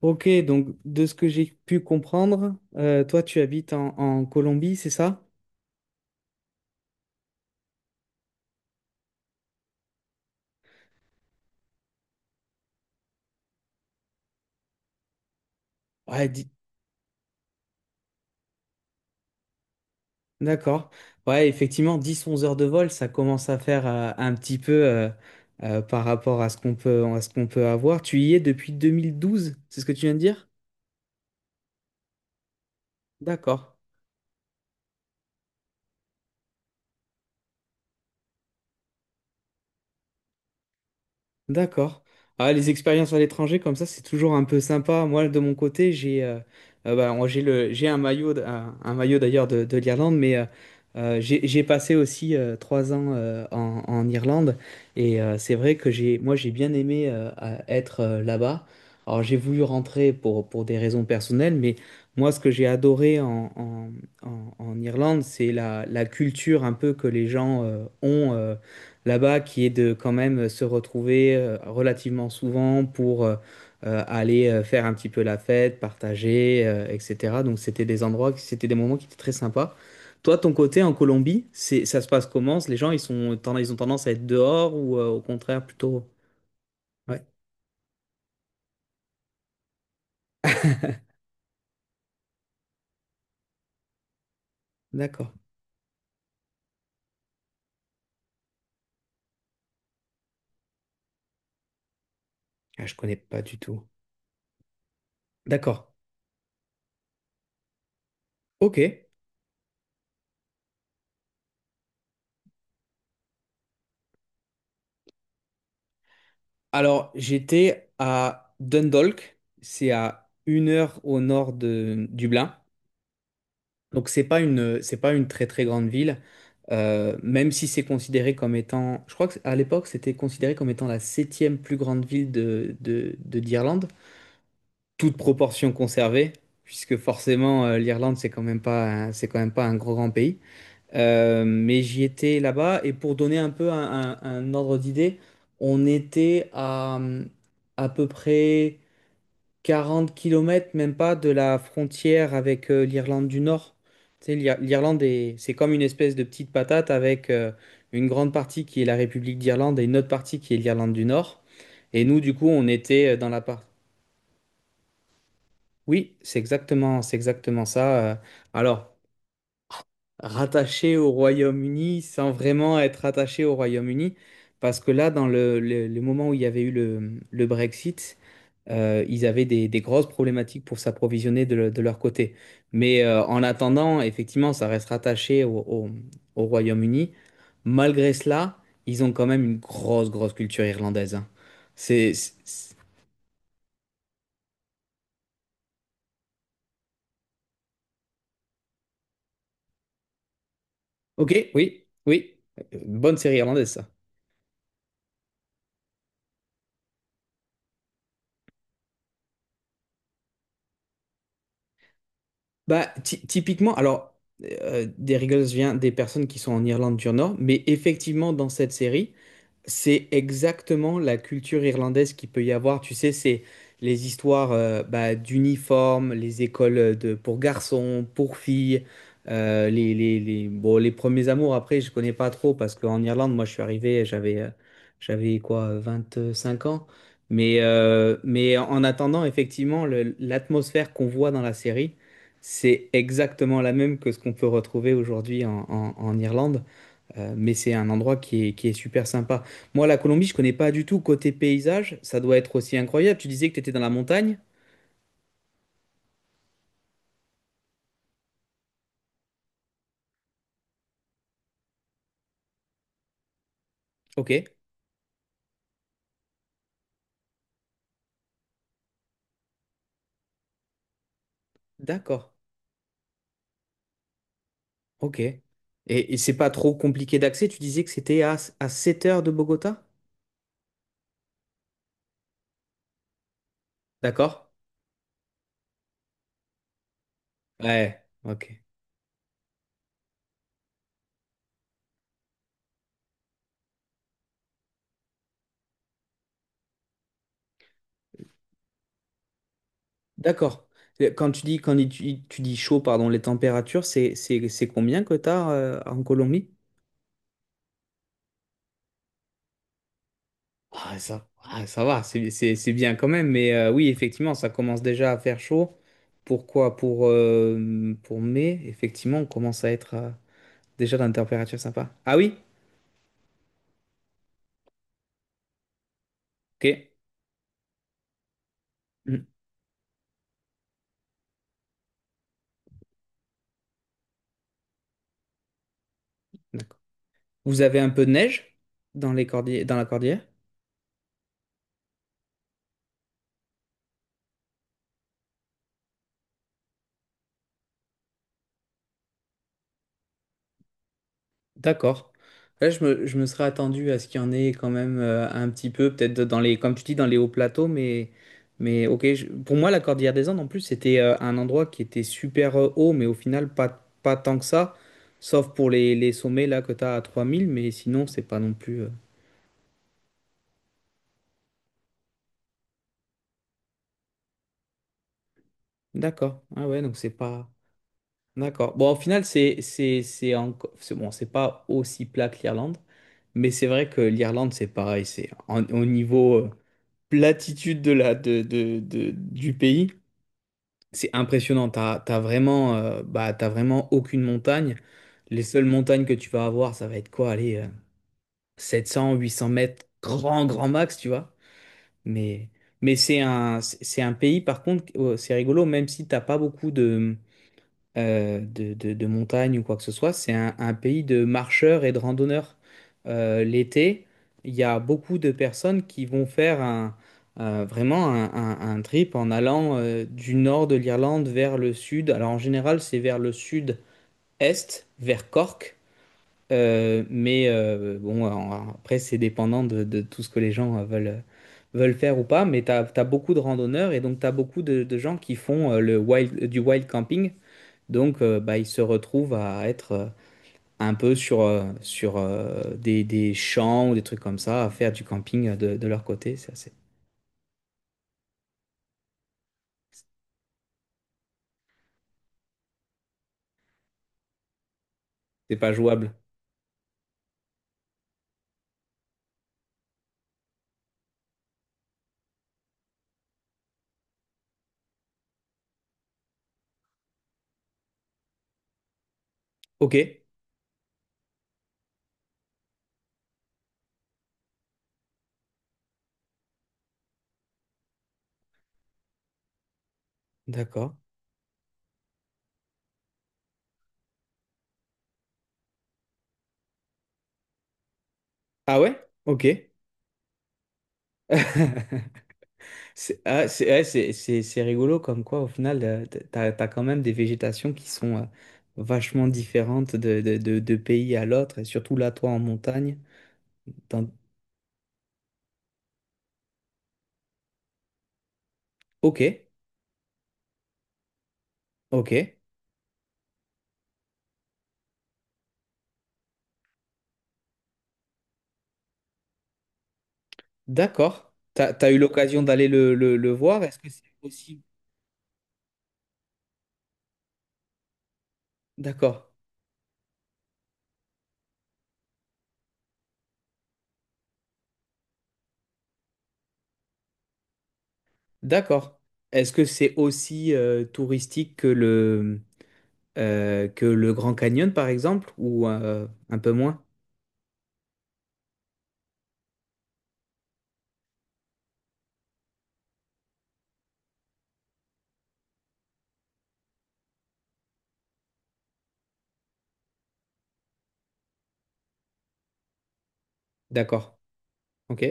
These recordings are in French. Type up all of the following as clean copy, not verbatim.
Ok, donc de ce que j'ai pu comprendre, toi tu habites en Colombie, c'est ça? Ouais, d'accord. Ouais, effectivement, dix, onze heures de vol, ça commence à faire un petit peu par rapport à ce qu'on peut avoir. Tu y es depuis 2012, c'est ce que tu viens de dire? D'accord. D'accord. Ah, les expériences à l'étranger comme ça, c'est toujours un peu sympa. Moi, de mon côté, j'ai bah, moi, j'ai un maillot d'ailleurs de l'Irlande, mais j'ai passé aussi 3 ans en Irlande et c'est vrai que j'ai moi j'ai bien aimé à être là-bas. Alors j'ai voulu rentrer pour des raisons personnelles, mais moi ce que j'ai adoré en Irlande, c'est la culture un peu que les gens ont là-bas, qui est de quand même se retrouver relativement souvent pour aller faire un petit peu la fête, partager, etc. Donc c'était des moments qui étaient très sympas. Toi, ton côté en Colombie, ça se passe comment? Les gens, ils ont tendance à être dehors ou au contraire plutôt... Ouais, d'accord. Ah, je connais pas du tout. D'accord. Ok. Alors, j'étais à Dundalk, c'est à 1 heure au nord de Dublin. Donc c'est pas une très très grande ville, même si c'est considéré comme étant, je crois qu'à l'époque c'était considéré comme étant la septième plus grande ville d'Irlande, toute proportion conservée, puisque forcément l'Irlande c'est quand même pas un gros grand pays. Mais j'y étais là-bas et pour donner un peu un ordre d'idée, on était à peu près 40 km, même pas, de la frontière avec l'Irlande du Nord. Tu sais, l'Irlande, c'est comme une espèce de petite patate avec une grande partie qui est la République d'Irlande et une autre partie qui est l'Irlande du Nord. Et nous, du coup, on était dans la partie... Oui, c'est exactement ça. Alors, rattaché au Royaume-Uni sans vraiment être rattaché au Royaume-Uni, parce que là, dans le moment où il y avait eu le Brexit, ils avaient des grosses problématiques pour s'approvisionner de leur côté. Mais en attendant, effectivement, ça reste rattaché au Royaume-Uni. Malgré cela, ils ont quand même une grosse, grosse culture irlandaise, hein. C'est, c'est- c'est- Ok, oui, oui. Bonne série irlandaise, ça. Bah, typiquement, alors, des Riggles vient des personnes qui sont en Irlande du Nord, mais effectivement, dans cette série, c'est exactement la culture irlandaise qu'il peut y avoir. Tu sais, c'est les histoires bah, d'uniformes, les écoles pour garçons, pour filles, bon, les premiers amours. Après, je connais pas trop parce qu'en Irlande, moi, je suis arrivé, j'avais j'avais quoi, 25 ans. Mais en attendant, effectivement, l'atmosphère qu'on voit dans la série, c'est exactement la même que ce qu'on peut retrouver aujourd'hui en Irlande. Mais c'est un endroit qui est super sympa. Moi, la Colombie, je connais pas du tout. Côté paysage, ça doit être aussi incroyable. Tu disais que tu étais dans la montagne? Ok, d'accord. Ok. Et c'est pas trop compliqué d'accès? Tu disais que c'était à 7 heures de Bogota? D'accord? Ouais, ok. D'accord. Et quand tu dis chaud, pardon, les températures, c'est combien que t'as en Colombie? Ah, ça va, c'est bien quand même. Mais oui, effectivement, ça commence déjà à faire chaud. Pourquoi? Pour mai, effectivement, on commence à être à, déjà dans une température sympa. Ah oui? Ok. Hmm, d'accord. Vous avez un peu de neige dans la cordillère? D'accord. Là, je me serais attendu à ce qu'il y en ait quand même un petit peu, peut-être dans les, comme tu dis, dans les hauts plateaux, mais, ok. Pour moi, la cordillère des Andes, en plus, c'était un endroit qui était super haut, mais au final, pas tant que ça, sauf pour les sommets là que tu as à 3000, mais sinon, c'est pas non plus. D'accord. Ah ouais, donc c'est pas. D'accord. Bon, au final, c'est bon, c'est pas aussi plat que l'Irlande, mais c'est vrai que l'Irlande, c'est pareil. Au niveau platitude de la de- du pays, c'est impressionnant. T'as vraiment bah t'as vraiment aucune montagne. Les seules montagnes que tu vas avoir, ça va être quoi? Allez, 700, 800 mètres, grand grand max, tu vois. Mais mais c'est un pays par contre, c'est rigolo, même si t'as pas beaucoup de de montagne ou quoi que ce soit, c'est un pays de marcheurs et de randonneurs. L'été, il y a beaucoup de personnes qui vont faire vraiment un trip en allant du nord de l'Irlande vers le sud. Alors en général, c'est vers le sud-est, vers Cork. Mais bon, après, c'est dépendant de tout ce que les gens veulent faire ou pas. Mais tu as, beaucoup de randonneurs et donc tu as beaucoup de gens qui font du wild camping. Donc, bah, ils se retrouvent à être un peu sur des champs ou des trucs comme ça, à faire du camping de leur côté. C'est pas jouable. Ok, d'accord. Ah ouais? Ok. C'est ah, c'est ouais, c'est rigolo comme quoi, au final, t'as quand même des végétations qui sont vachement différentes de pays à l'autre, et surtout là, toi, en montagne. Dans- Ok, ok, d'accord. T'as eu l'occasion d'aller le voir. Est-ce que c'est possible? D'accord, d'accord. Est-ce que c'est aussi touristique que le Grand Canyon, par exemple, ou un peu moins? D'accord, ok,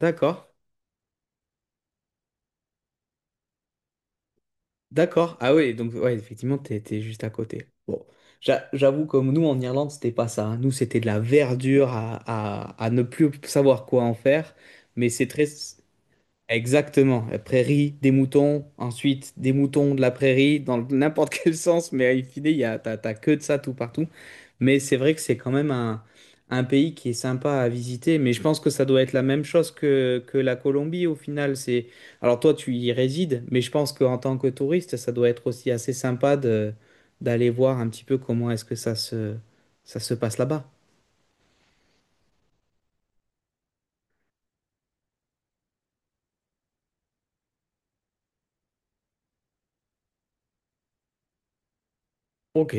d'accord, d'accord. Ah oui, donc ouais, effectivement, t'es juste à côté. Bon, j'avoue, comme nous en Irlande, c'était pas ça, hein. Nous, c'était de la verdure à ne plus savoir quoi en faire, mais c'est très... Exactement, la prairie, des moutons, ensuite des moutons de la prairie, dans n'importe quel sens, mais in fine, il y a, t'as, t'as que de ça tout partout. Mais c'est vrai que c'est quand même un pays qui est sympa à visiter, mais je pense que ça doit être la même chose que la Colombie au final. Alors toi, tu y résides, mais je pense qu'en tant que touriste, ça doit être aussi assez sympa d'aller voir un petit peu comment est-ce que ça se passe là-bas. Ok.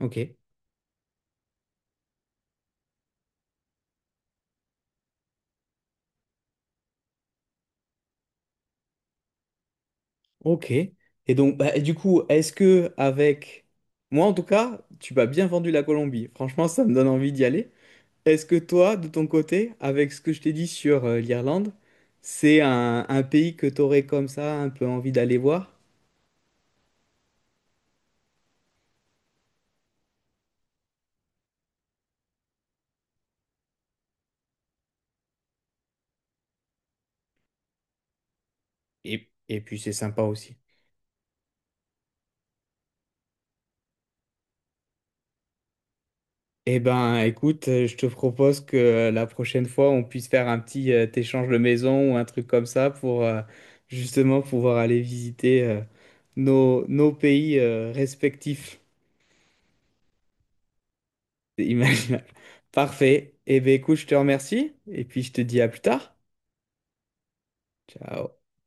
Ok. Ok. Et donc, bah, du coup, est-ce que avec moi, en tout cas, tu m'as bien vendu la Colombie. Franchement, ça me donne envie d'y aller. Est-ce que toi, de ton côté, avec ce que je t'ai dit sur l'Irlande, c'est un pays que t'aurais comme ça un peu envie d'aller voir? Et puis, c'est sympa aussi. Eh ben, écoute, je te propose que la prochaine fois, on puisse faire un petit échange de maison ou un truc comme ça pour justement pouvoir aller visiter nos pays respectifs. C'est imaginable. Parfait. Eh bien, écoute, je te remercie et puis je te dis à plus tard. Ciao.